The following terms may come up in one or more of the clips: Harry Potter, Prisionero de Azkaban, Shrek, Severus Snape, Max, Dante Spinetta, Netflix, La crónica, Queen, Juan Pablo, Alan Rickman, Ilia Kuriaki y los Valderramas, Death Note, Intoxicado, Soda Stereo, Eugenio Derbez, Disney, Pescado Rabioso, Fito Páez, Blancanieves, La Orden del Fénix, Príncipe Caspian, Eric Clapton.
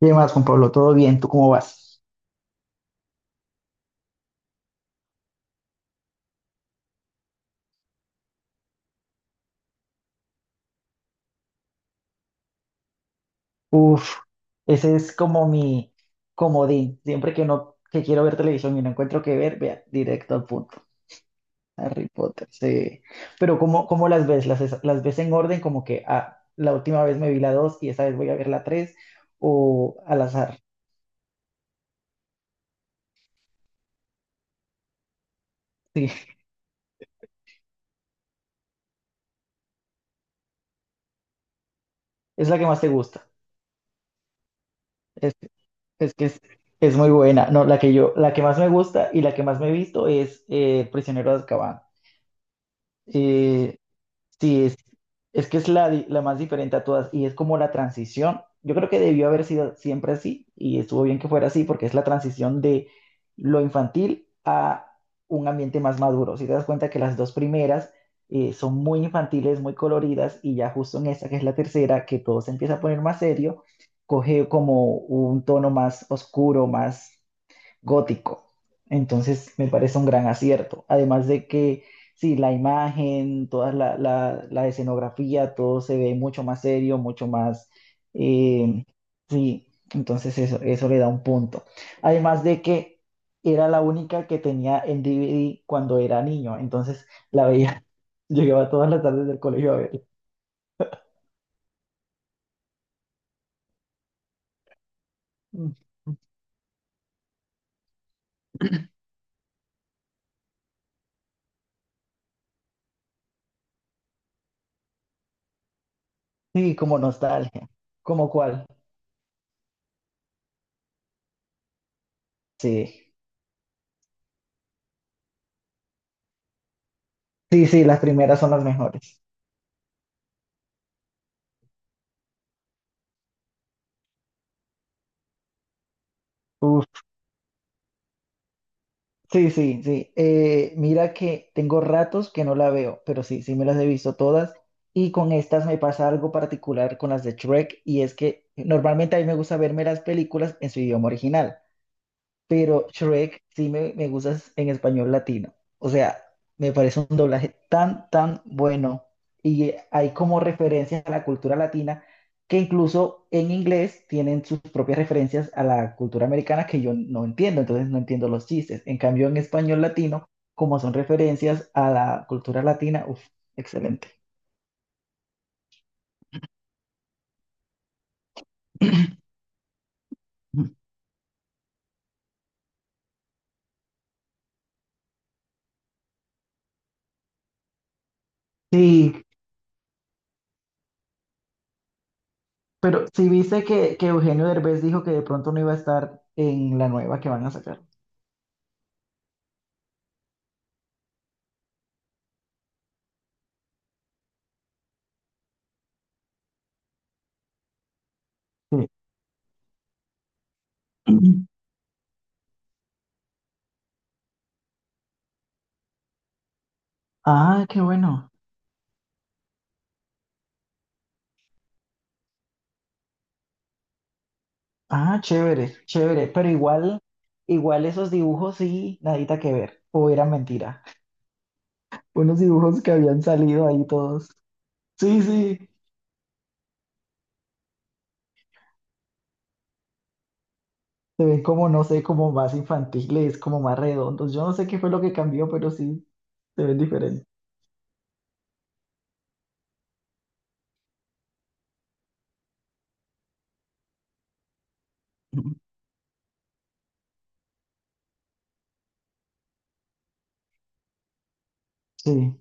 ¿Qué más, Juan Pablo? ¿Todo bien? ¿Tú cómo vas? Uf, ese es como mi comodín. Siempre que no, que quiero ver televisión y no encuentro qué ver, vea, directo al punto. Harry Potter, sí. Pero ¿cómo las ves? ¿Las, las ves en orden? Como que ah, la última vez me vi la 2 y esa vez voy a ver la 3 o al azar. Sí, es la que más te gusta. Es, es que es, es muy buena. No, la que más me gusta y la que más me he visto es Prisionero de Azkaban. Eh, Sí, es, es que es la, la más diferente a todas y es como la transición. Yo creo que debió haber sido siempre así y estuvo bien que fuera así porque es la transición de lo infantil a un ambiente más maduro. Si te das cuenta que las dos primeras son muy infantiles, muy coloridas y ya justo en esta que es la tercera, que todo se empieza a poner más serio, coge como un tono más oscuro, más gótico. Entonces me parece un gran acierto. Además de que, sí, la imagen, toda la escenografía, todo se ve mucho más serio, mucho más... eh, sí, entonces eso le da un punto. Además de que era la única que tenía el DVD cuando era niño, entonces la veía, llegaba todas las tardes del colegio a ver. Sí, como nostalgia. ¿Como cuál? Sí. Sí, sí, las primeras son las mejores. Uf. Sí, sí, sí. Mira que tengo ratos que no la veo, pero sí, sí me las he visto todas. Y con estas me pasa algo particular con las de Shrek, y es que normalmente a mí me gusta verme las películas en su idioma original, pero Shrek sí me gusta en español latino. O sea, me parece un doblaje tan bueno. Y hay como referencias a la cultura latina que incluso en inglés tienen sus propias referencias a la cultura americana que yo no entiendo, entonces no entiendo los chistes. En cambio, en español latino, como son referencias a la cultura latina, uff, excelente. Ujú. Sí, pero si viste que Eugenio Derbez dijo que de pronto no iba a estar en la nueva que van a sacar. Sí. Ah, qué bueno. Ah, chévere, chévere. Pero igual, igual esos dibujos sí, nadita que ver. O era mentira. Unos dibujos que habían salido ahí todos. Sí, sí. Se ven como, no sé, como más infantiles, como más redondos. Yo no sé qué fue lo que cambió, pero sí, se ven diferentes. Ujú. Sí,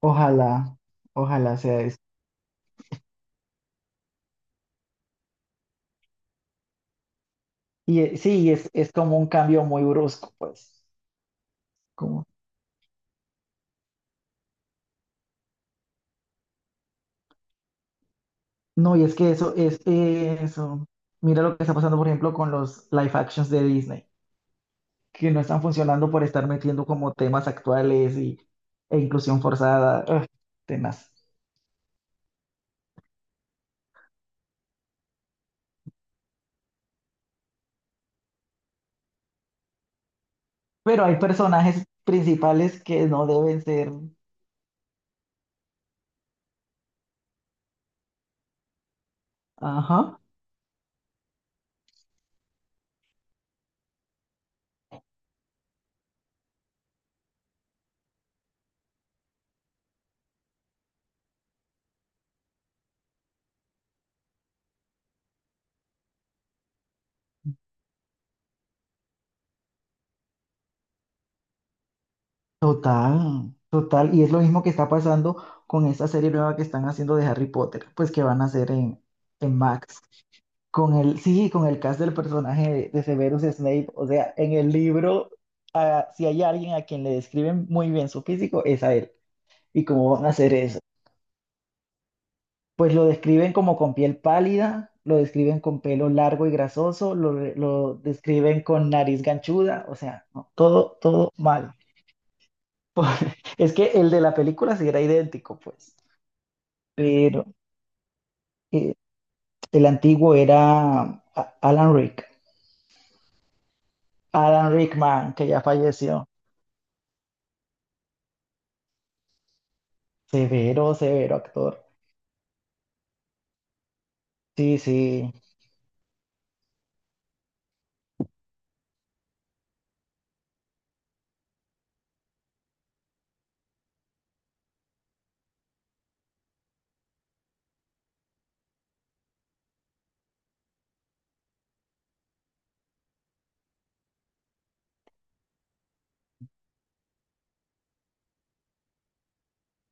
ojalá, ojalá sea eso. Y sí, es como un cambio muy brusco, pues. Como... No, y es que eso, es eso. Mira lo que está pasando, por ejemplo, con los live actions de Disney, que no están funcionando por estar metiendo como temas actuales y, e inclusión forzada, ugh, temas. Pero hay personajes principales que no deben ser. Ajá, total, total. Y es lo mismo que está pasando con esta serie nueva que están haciendo de Harry Potter, pues que van a hacer en Max. Con el, sí, con el cast del personaje de Severus Snape, o sea, en el libro, ah, si hay alguien a quien le describen muy bien su físico, es a él. ¿Y cómo van a hacer eso? Pues lo describen como con piel pálida, lo describen con pelo largo y grasoso, lo, lo describen con nariz ganchuda, o sea, no, todo, todo mal. Es que el de la película sí era idéntico, pues, pero eh, el antiguo era A- Alan Rick, Alan Rickman, que ya falleció. Severo, severo actor. Sí, sí,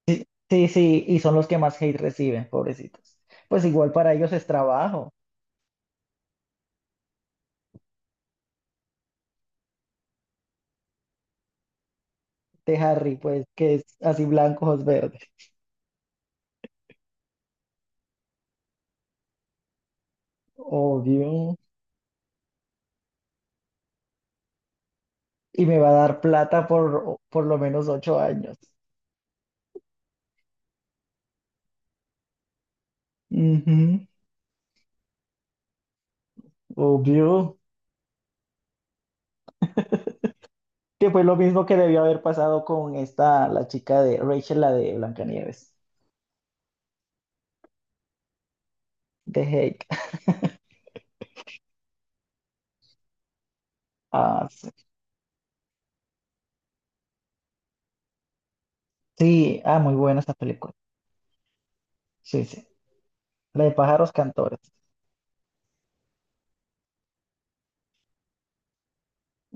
sí, sí, sí, y son los que más hate reciben, pobrecitos. Pues igual para ellos es trabajo de Harry, pues, que es así blanco, ojos verdes. Obvio. Y me va a dar plata por lo menos 8 años. Ujú. Obvio. Que fue lo mismo que debió haber pasado con esta, la chica de Rachel, la de Blancanieves. De Hake. Ah, sí. Sí, ah, muy buena esta película. Sí, sí. La de pájaros cantores.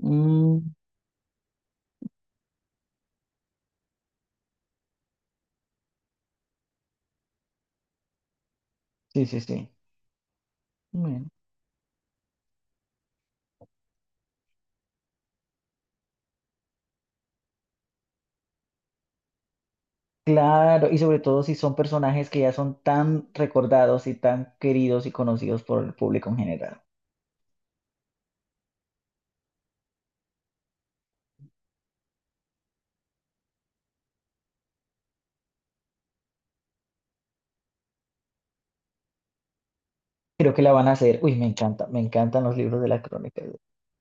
Mm, sí, sí, sí. Bueno, claro, y sobre todo si son personajes que ya son tan recordados y tan queridos y conocidos por el público en general. Creo que la van a hacer. Uy, me encanta, me encantan los libros de la crónica.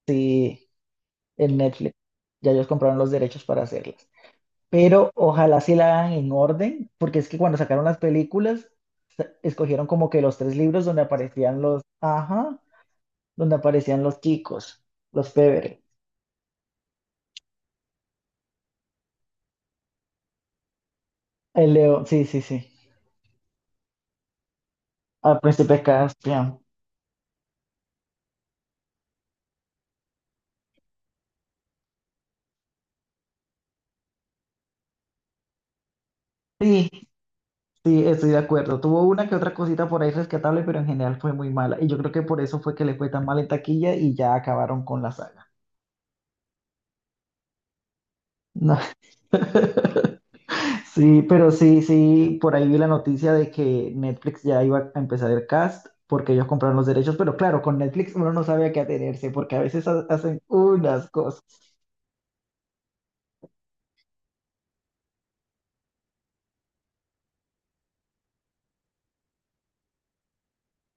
Sí, en Netflix. Ya ellos compraron los derechos para hacerlas. Pero ojalá sí la hagan en orden, porque es que cuando sacaron las películas, escogieron como que los tres libros donde aparecían los, ajá, donde aparecían los chicos, los Pevere, el león, sí, sí, sí, al príncipe Caspian. Sí, sí, estoy de acuerdo. Tuvo una que otra cosita por ahí rescatable, pero en general fue muy mala. Y yo creo que por eso fue que le fue tan mal en taquilla y ya acabaron con la saga. No. Sí, pero sí, sí, por ahí vi la noticia de que Netflix ya iba a empezar el cast porque ellos compraron los derechos, pero claro, con Netflix uno no sabe a qué atenerse porque a veces hacen unas cosas,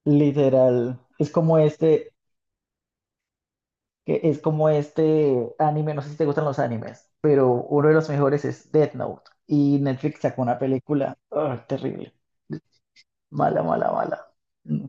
literal. Es como este, que es como este anime, no sé si te gustan los animes, pero uno de los mejores es Death Note y Netflix sacó una película, ah, terrible, mala, mala, mala. Mm.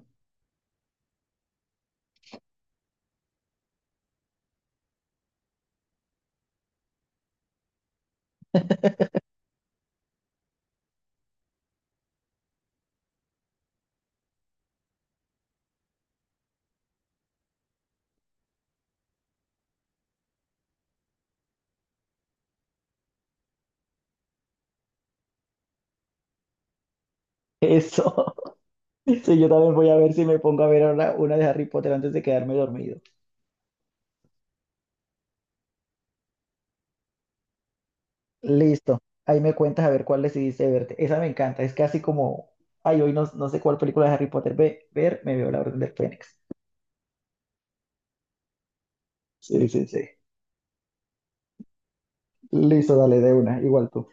Eso. Sí, yo también voy a ver si me pongo a ver ahora una de Harry Potter antes de quedarme dormido. Listo. Ahí me cuentas a ver cuál decidiste verte. Esa me encanta. Es casi como, ay, hoy no, no sé cuál película de Harry Potter ver, me veo La Orden del Fénix. Sí, sí, sí. Listo, dale, de una, igual tú.